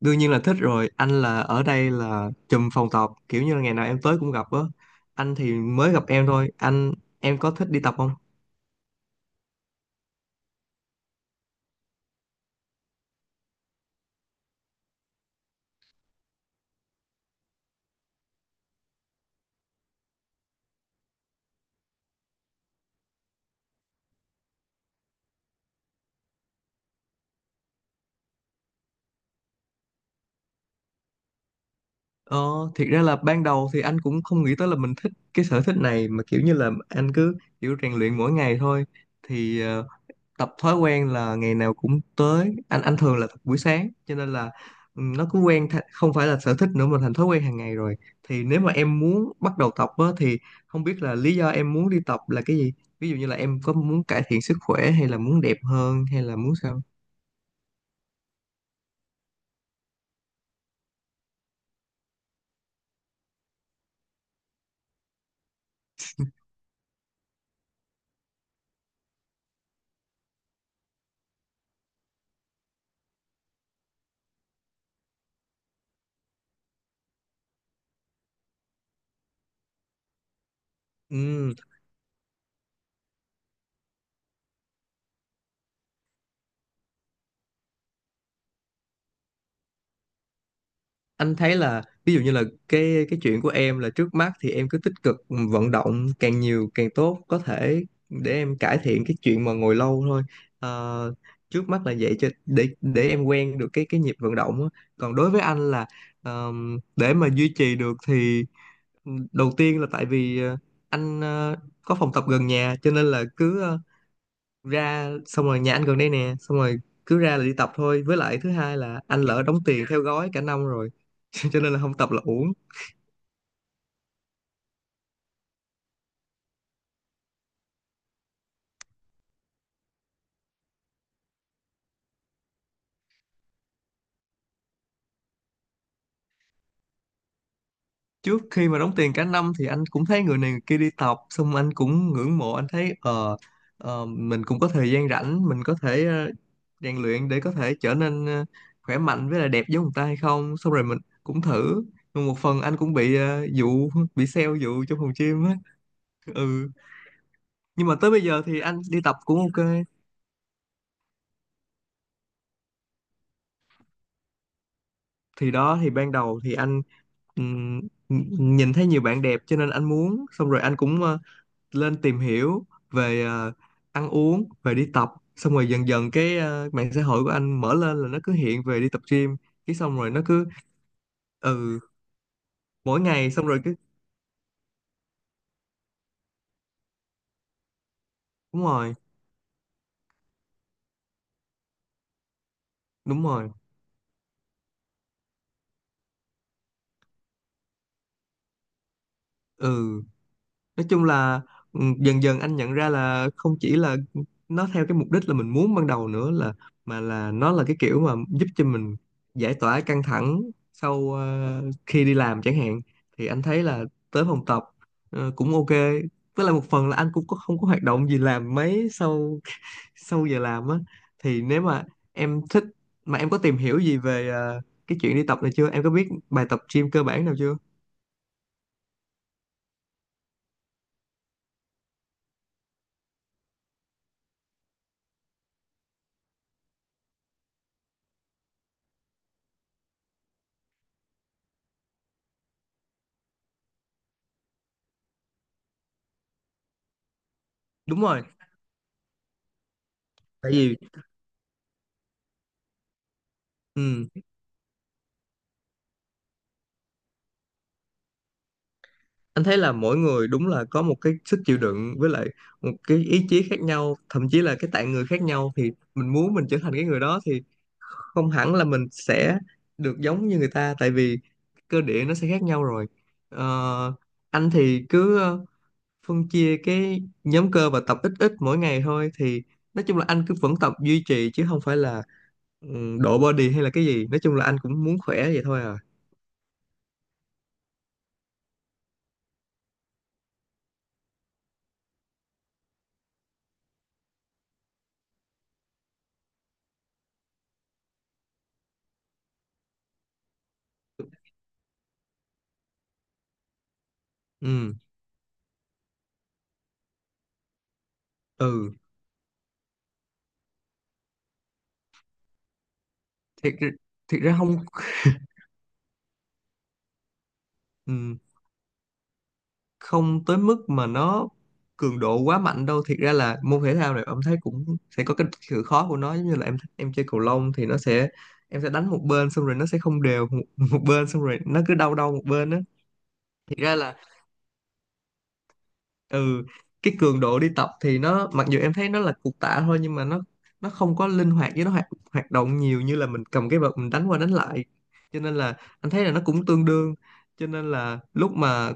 Đương nhiên là thích rồi. Anh là ở đây là trùm phòng tập, kiểu như là ngày nào em tới cũng gặp á. Anh thì mới gặp em thôi anh. Em có thích đi tập không? ờ Thiệt ra là ban đầu thì anh cũng không nghĩ tới là mình thích cái sở thích này, mà kiểu như là anh cứ kiểu rèn luyện mỗi ngày thôi. Thì tập thói quen là ngày nào cũng tới. Anh thường là tập buổi sáng, cho nên là nó cứ không phải là sở thích nữa mà thành thói quen hàng ngày rồi. Thì nếu mà em muốn bắt đầu tập á, thì không biết là lý do em muốn đi tập là cái gì, ví dụ như là em có muốn cải thiện sức khỏe, hay là muốn đẹp hơn, hay là muốn sao? Ừ, anh thấy là ví dụ như là cái chuyện của em là trước mắt thì em cứ tích cực vận động càng nhiều càng tốt có thể, để em cải thiện cái chuyện mà ngồi lâu thôi. Ờ, trước mắt là vậy, cho để em quen được cái nhịp vận động á. Còn đối với anh là để mà duy trì được thì đầu tiên là tại vì anh có phòng tập gần nhà, cho nên là cứ ra, xong rồi nhà anh gần đây nè, xong rồi cứ ra là đi tập thôi. Với lại thứ hai là anh lỡ đóng tiền theo gói cả năm rồi cho nên là không tập là uổng. Trước khi mà đóng tiền cả năm thì anh cũng thấy người này người kia đi tập, xong anh cũng ngưỡng mộ. Anh thấy mình cũng có thời gian rảnh, mình có thể rèn luyện để có thể trở nên khỏe mạnh với lại đẹp giống người ta hay không, xong rồi mình cũng thử. Nhưng một phần anh cũng bị dụ, bị sale dụ trong phòng gym á. Ừ, nhưng mà tới bây giờ thì anh đi tập cũng ok. Thì đó, thì ban đầu thì anh ừm, nhìn thấy nhiều bạn đẹp cho nên anh muốn, xong rồi anh cũng lên tìm hiểu về ăn uống, về đi tập. Xong rồi dần dần cái mạng xã hội của anh mở lên là nó cứ hiện về đi tập gym. Cái xong rồi nó cứ ừ mỗi ngày, xong rồi cứ đúng rồi, đúng rồi. Ừ, nói chung là ừ, dần dần anh nhận ra là không chỉ là nó theo cái mục đích là mình muốn ban đầu nữa, là mà là nó là cái kiểu mà giúp cho mình giải tỏa căng thẳng sau khi đi làm chẳng hạn. Thì anh thấy là tới phòng tập cũng ok. Với lại một phần là anh cũng có, không có hoạt động gì làm mấy sau sau giờ làm á. Thì nếu mà em thích, mà em có tìm hiểu gì về cái chuyện đi tập này chưa, em có biết bài tập gym cơ bản nào chưa? Đúng rồi. Tại vì ừ anh thấy là mỗi người đúng là có một cái sức chịu đựng với lại một cái ý chí khác nhau, thậm chí là cái tạng người khác nhau, thì mình muốn mình trở thành cái người đó thì không hẳn là mình sẽ được giống như người ta, tại vì cơ địa nó sẽ khác nhau rồi. Ờ, anh thì cứ phân chia cái nhóm cơ và tập ít ít mỗi ngày thôi. Thì nói chung là anh cứ vẫn tập duy trì, chứ không phải là ừ, độ body hay là cái gì. Nói chung là anh cũng muốn khỏe vậy thôi à. Ừ, ừ, thiệt, thiệt ra không ừ. không tới mức mà nó cường độ quá mạnh đâu. Thiệt ra là môn thể thao này em thấy cũng sẽ có cái sự khó của nó, giống như là em chơi cầu lông thì nó sẽ em sẽ đánh một bên, xong rồi nó sẽ không đều một, một bên, xong rồi nó cứ đau đau một bên á. Thiệt ra là ừ cái cường độ đi tập thì nó mặc dù em thấy nó là cục tạ thôi, nhưng mà nó không có linh hoạt, với nó hoạt hoạt động nhiều như là mình cầm cái vợt mình đánh qua đánh lại, cho nên là anh thấy là nó cũng tương đương. Cho nên là lúc mà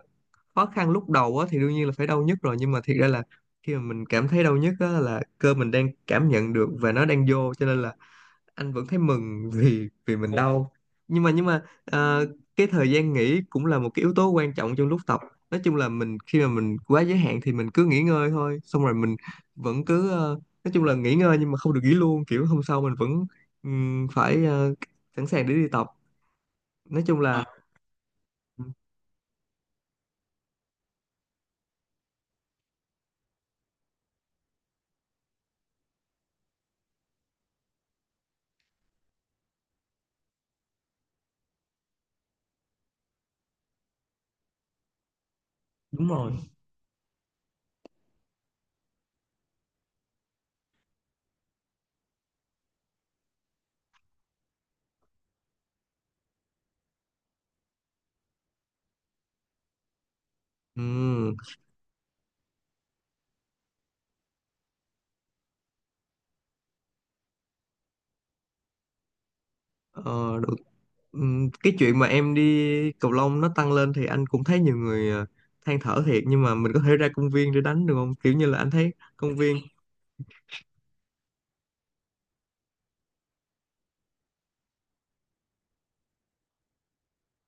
khó khăn lúc đầu á thì đương nhiên là phải đau nhất rồi, nhưng mà thiệt ra là khi mà mình cảm thấy đau nhất á là cơ mình đang cảm nhận được và nó đang vô, cho nên là anh vẫn thấy mừng vì vì mình đau. Nhưng mà cái thời gian nghỉ cũng là một cái yếu tố quan trọng trong lúc tập. Nói chung là mình khi mà mình quá giới hạn thì mình cứ nghỉ ngơi thôi, xong rồi mình vẫn cứ nói chung là nghỉ ngơi nhưng mà không được nghỉ luôn, kiểu hôm sau mình vẫn phải sẵn sàng để đi tập. Nói chung à, là đúng ừ rồi. ừ, ờ, cái chuyện mà em đi cầu lông nó tăng lên thì anh cũng thấy nhiều người than thở thiệt, nhưng mà mình có thể ra công viên để đánh được không, kiểu như là anh thấy công viên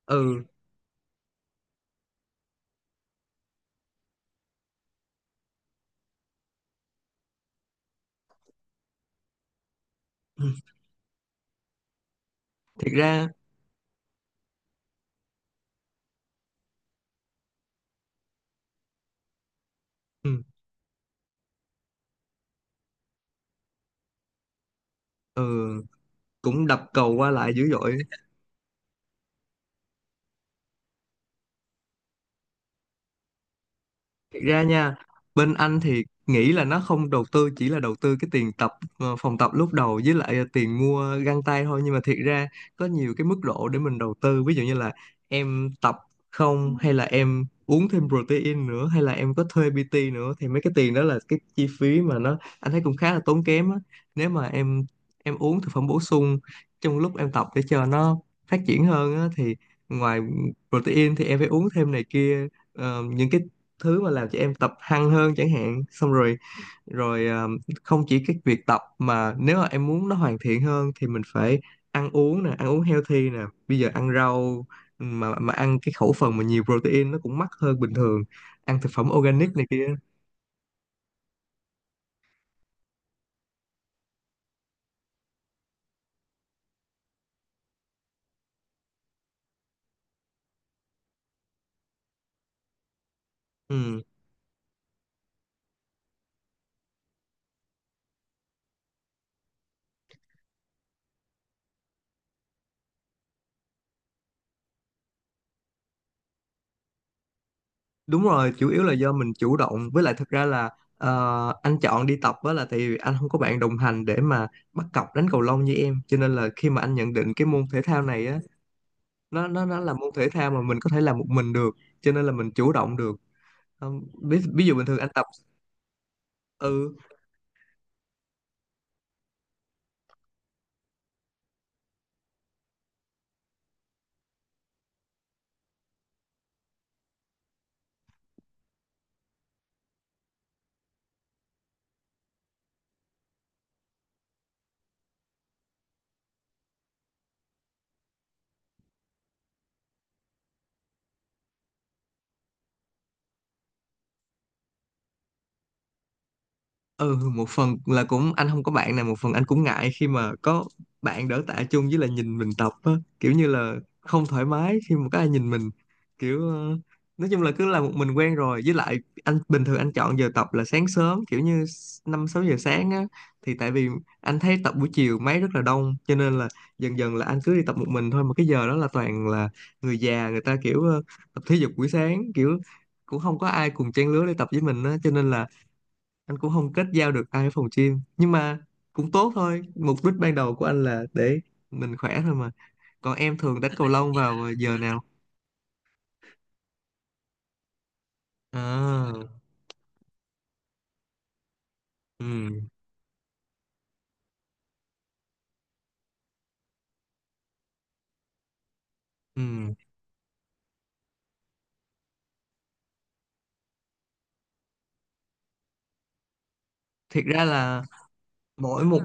ừ ừ, thiệt ra ừ, ừ cũng đập cầu qua lại dữ dội. Thực ra nha, bên anh thì nghĩ là nó không đầu tư, chỉ là đầu tư cái tiền tập phòng tập lúc đầu với lại tiền mua găng tay thôi. Nhưng mà thiệt ra có nhiều cái mức độ để mình đầu tư, ví dụ như là em tập không, hay là em uống thêm protein nữa, hay là em có thuê PT nữa, thì mấy cái tiền đó là cái chi phí mà nó anh thấy cũng khá là tốn kém á. Nếu mà em uống thực phẩm bổ sung trong lúc em tập để cho nó phát triển hơn á, thì ngoài protein thì em phải uống thêm này kia. Ờ, những cái thứ mà làm cho em tập hăng hơn chẳng hạn. Xong rồi rồi không chỉ cái việc tập, mà nếu mà em muốn nó hoàn thiện hơn thì mình phải ăn uống nè, ăn uống healthy nè, bây giờ ăn rau, ừ, mà ăn cái khẩu phần mà nhiều protein nó cũng mắc hơn bình thường, ăn thực phẩm organic này kia. Ừ, đúng rồi, chủ yếu là do mình chủ động. Với lại thật ra là anh chọn đi tập á là tại vì anh không có bạn đồng hành để mà bắt cặp đánh cầu lông như em, cho nên là khi mà anh nhận định cái môn thể thao này á, nó là môn thể thao mà mình có thể làm một mình được, cho nên là mình chủ động được. Không, ví, ví dụ bình thường anh tập ừ ừ một phần là cũng anh không có bạn nào, một phần anh cũng ngại khi mà có bạn đỡ tạ chung, với là nhìn mình tập á, kiểu như là không thoải mái khi mà có ai nhìn mình, kiểu nói chung là cứ là một mình quen rồi. Với lại anh bình thường anh chọn giờ tập là sáng sớm, kiểu như năm sáu giờ sáng á, thì tại vì anh thấy tập buổi chiều máy rất là đông, cho nên là dần dần là anh cứ đi tập một mình thôi. Mà cái giờ đó là toàn là người già, người ta kiểu tập thể dục buổi sáng, kiểu cũng không có ai cùng trang lứa để tập với mình á, cho nên là anh cũng không kết giao được ai ở phòng gym. Nhưng mà cũng tốt thôi, mục đích ban đầu của anh là để mình khỏe thôi mà. Còn em thường đánh cầu lông vào giờ nào? À ừ, ừ, thiệt ra là mỗi một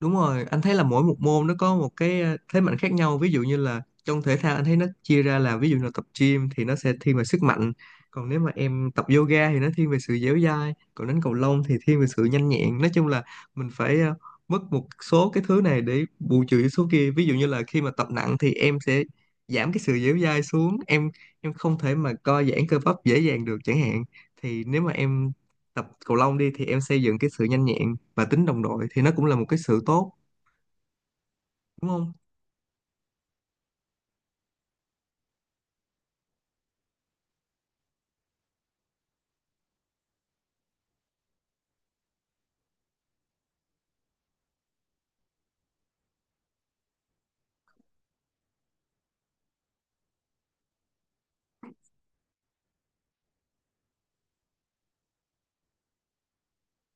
đúng rồi. Anh thấy là mỗi một môn nó có một cái thế mạnh khác nhau. Ví dụ như là trong thể thao anh thấy nó chia ra là ví dụ là tập gym thì nó sẽ thiên về sức mạnh. Còn nếu mà em tập yoga thì nó thiên về sự dẻo dai. Còn đánh cầu lông thì thiên về sự nhanh nhẹn. Nói chung là mình phải mất một số cái thứ này để bù trừ số kia. Ví dụ như là khi mà tập nặng thì em sẽ giảm cái sự dẻo dai xuống. Em không thể mà co giãn cơ bắp dễ dàng được chẳng hạn. Thì nếu mà em tập cầu lông đi thì em xây dựng cái sự nhanh nhẹn và tính đồng đội, thì nó cũng là một cái sự tốt, đúng không?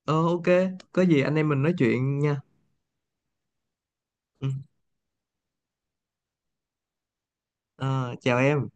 Ờ ok, có gì anh em mình nói chuyện nha. Ừ. Ờ, chào em.